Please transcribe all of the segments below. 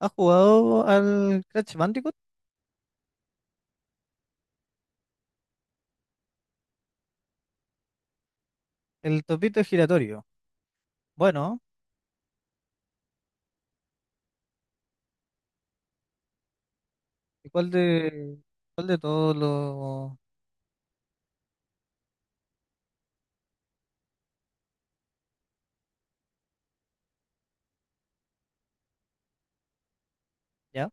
¿Has jugado al Crash Bandicoot? El topito giratorio. Bueno, ¿y cuál de todos los... ¿Ya?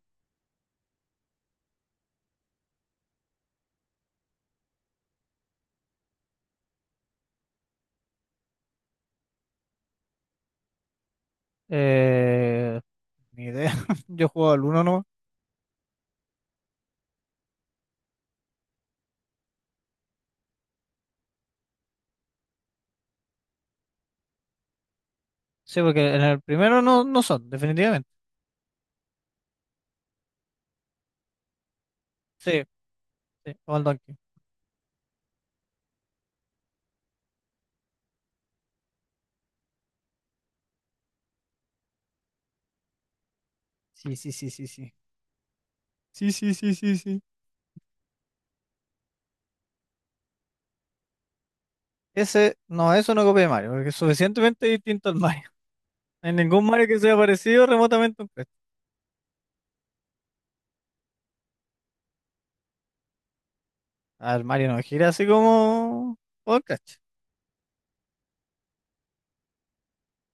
Eh, ni idea. Yo he jugado al uno no. Sí, porque en el primero no son, definitivamente. Sí, sí, o al Donkey. Sí, sí, sí, sí, sí. Sí, sí, sí, sí, sí. Ese, no, eso no copia de Mario, porque es suficientemente distinto al Mario. No hay ningún Mario que sea parecido remotamente a un Crash. Al Mario no gira así como... O el Crash.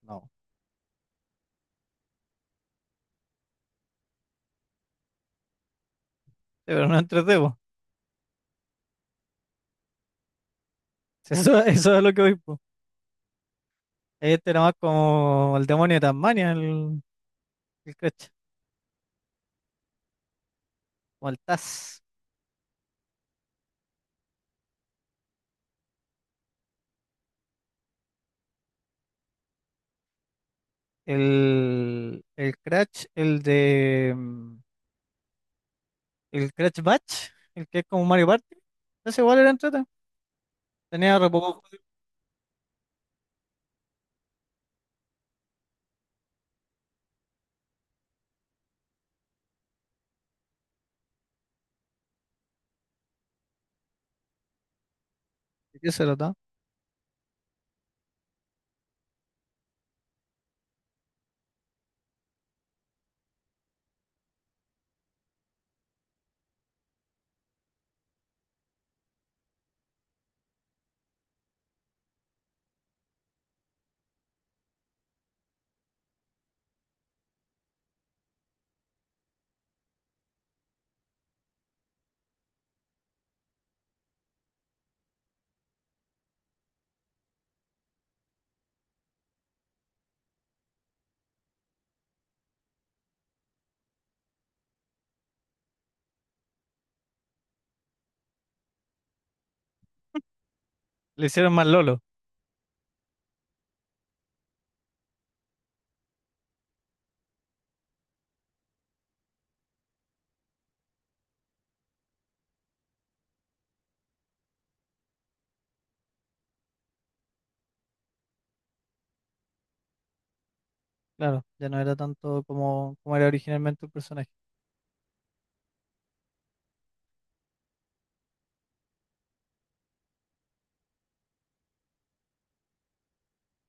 No. Sí, pero no es en Sí, eso es lo que voy, po. Este era más como el demonio de Tasmania, el Crash, o el Taz. El Crash, el de. El Crash Batch, el que es como Mario Party. Ese igual era entrete. Tenía re poco juego. ¿De qué se trataba? Le hicieron más Lolo, claro. Ya no era tanto como, como era originalmente el personaje.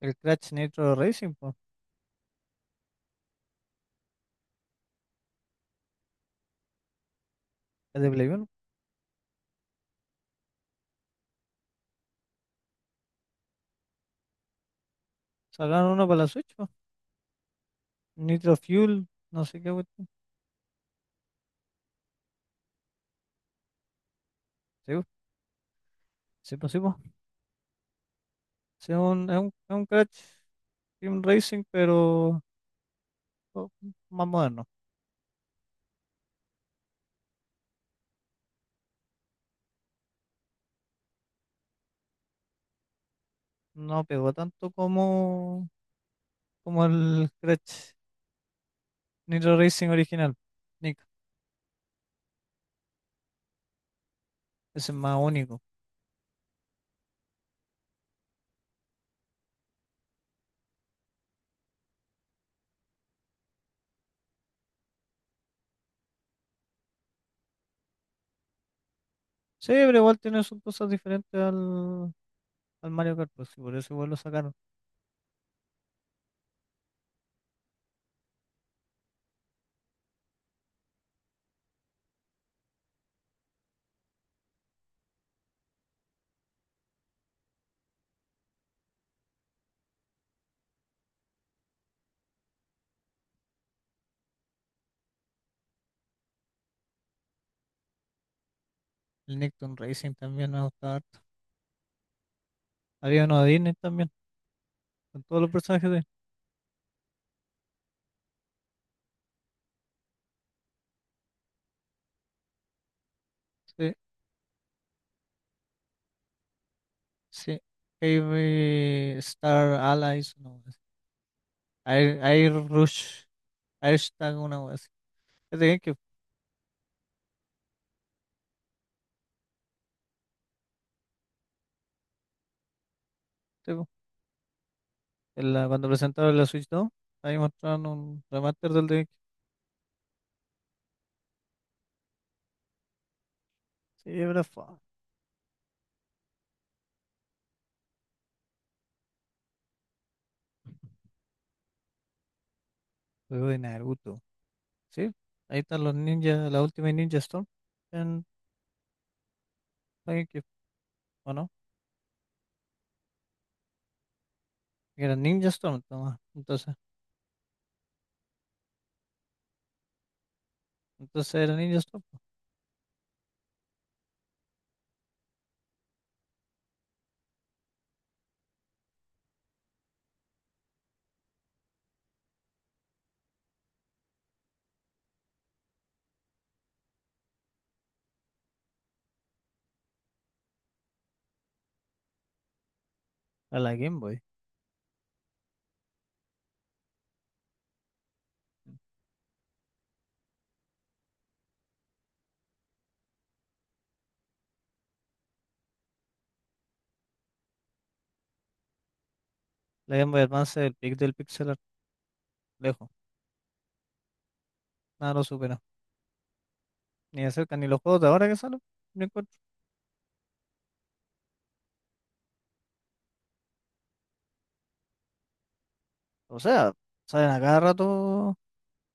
El Crash Nitro Racing, pues, el de Play 1. Sacaron uno para la Switch, po. Nitro Fuel, no sé qué cuestión. Sí, po, sí, po, sí, po. Sí, es un, es un, es un Crash Sim Racing, pero o- más moderno. No pegó tanto como, como el Crash Nitro Racing original. Nick, ese es más único. Sí, pero igual tiene sus cosas diferentes al, al Mario Kart, pues, y por eso igual lo sacaron. El Nicktoon Racing también me gustaba harto. Había uno de Disney también, con todos los personajes de sí, sí. Heavy Star Allies, no, Air, Air Rush, Air Stag, una wea así. Es de GameCube, sí, cuando presentaron la Switch 2, ahí mostraron un remaster del de... Sí, pero fue juego de Naruto. Sí, ahí están los ninjas, la última Ninja Storm en Game Cube, ¿o no? Que era Ninja Storm, toma. Entonces, entonces era Ninja Storm, po, a la Game Boy. La Game Boy Advance es el pic del pixel art, lejos. Nada lo supera. Ni de cerca, ni los juegos de ahora que salen. Ni encuentro. O sea, salen a cada rato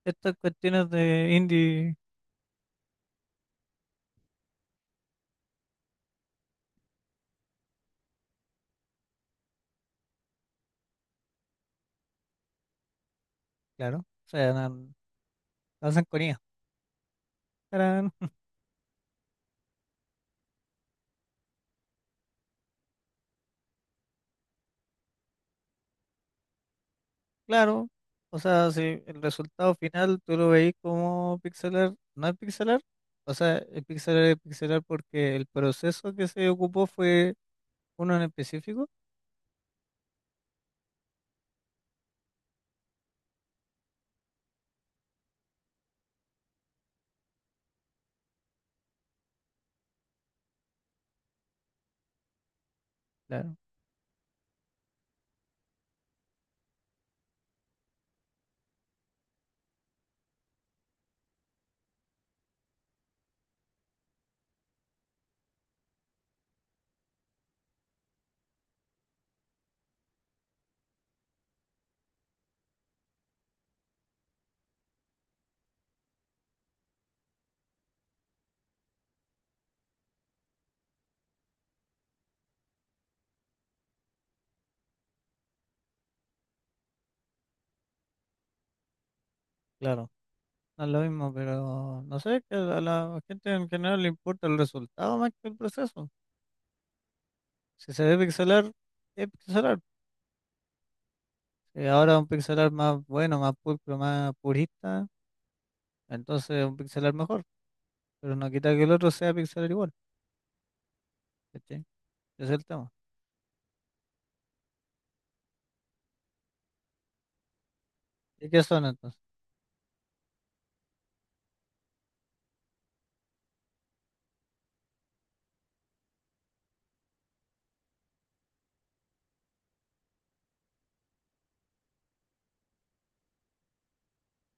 estas cuestiones de indie. Claro. O sea, hacen con IA. Claro, o sea, si el resultado final tú lo veis como pixelar, no es pixelar, o sea, el pixelar es pixelar porque el proceso que se ocupó fue uno en específico, claro, claro, no es lo mismo, pero no sé, que a la gente en general le importa el resultado más que el proceso. Si se ve pixelar, es pixelar. Y ahora un pixelar más bueno, más pulcro, más purista, entonces un pixelar mejor, pero no quita que el otro sea pixelar igual, ¿cachai? Ese es el tema. ¿Y qué son entonces?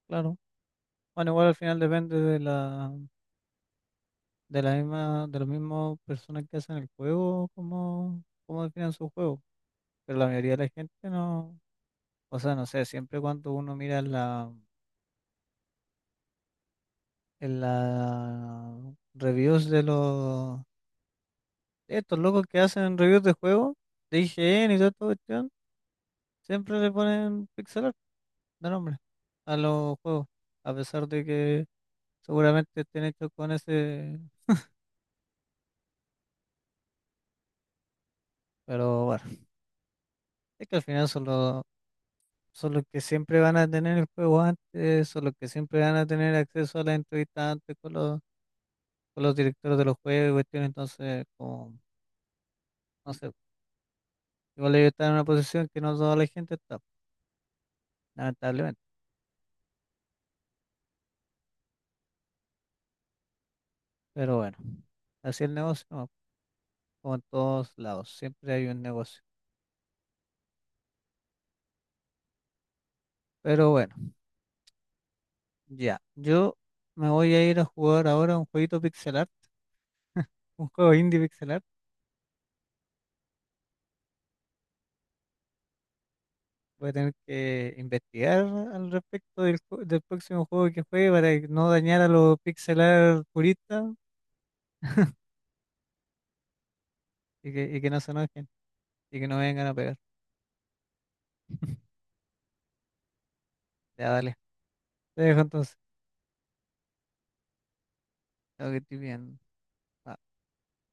Claro. Bueno, igual al final depende de la misma, de las mismas personas que hacen el juego, cómo, cómo definen su juego. Pero la mayoría de la gente no, o sea, no sé, siempre cuando uno mira en la reviews de los, de estos locos que hacen reviews de juegos, de IGN y toda esta cuestión, siempre le ponen pixel art de nombre a los juegos, a pesar de que seguramente estén hechos con ese, pero bueno, es que al final son los que siempre van a tener el juego antes, son los que siempre van a tener acceso a las entrevistas antes con los directores de los juegos y cuestiones, entonces, como, no sé, igual ellos están en una posición que no toda la gente está, lamentablemente, pero bueno, así es el negocio, ¿no? Como en todos lados, siempre hay un negocio. Pero bueno, ya, yo me voy a ir a jugar ahora un jueguito pixelar, un juego indie pixelar. Voy a tener que investigar al respecto del próximo juego que juegue para que no dañar a los pixelar puristas y que no se enojen y que no vengan a pegar. Ya, dale. Te dejo entonces. Tengo que estoy bien.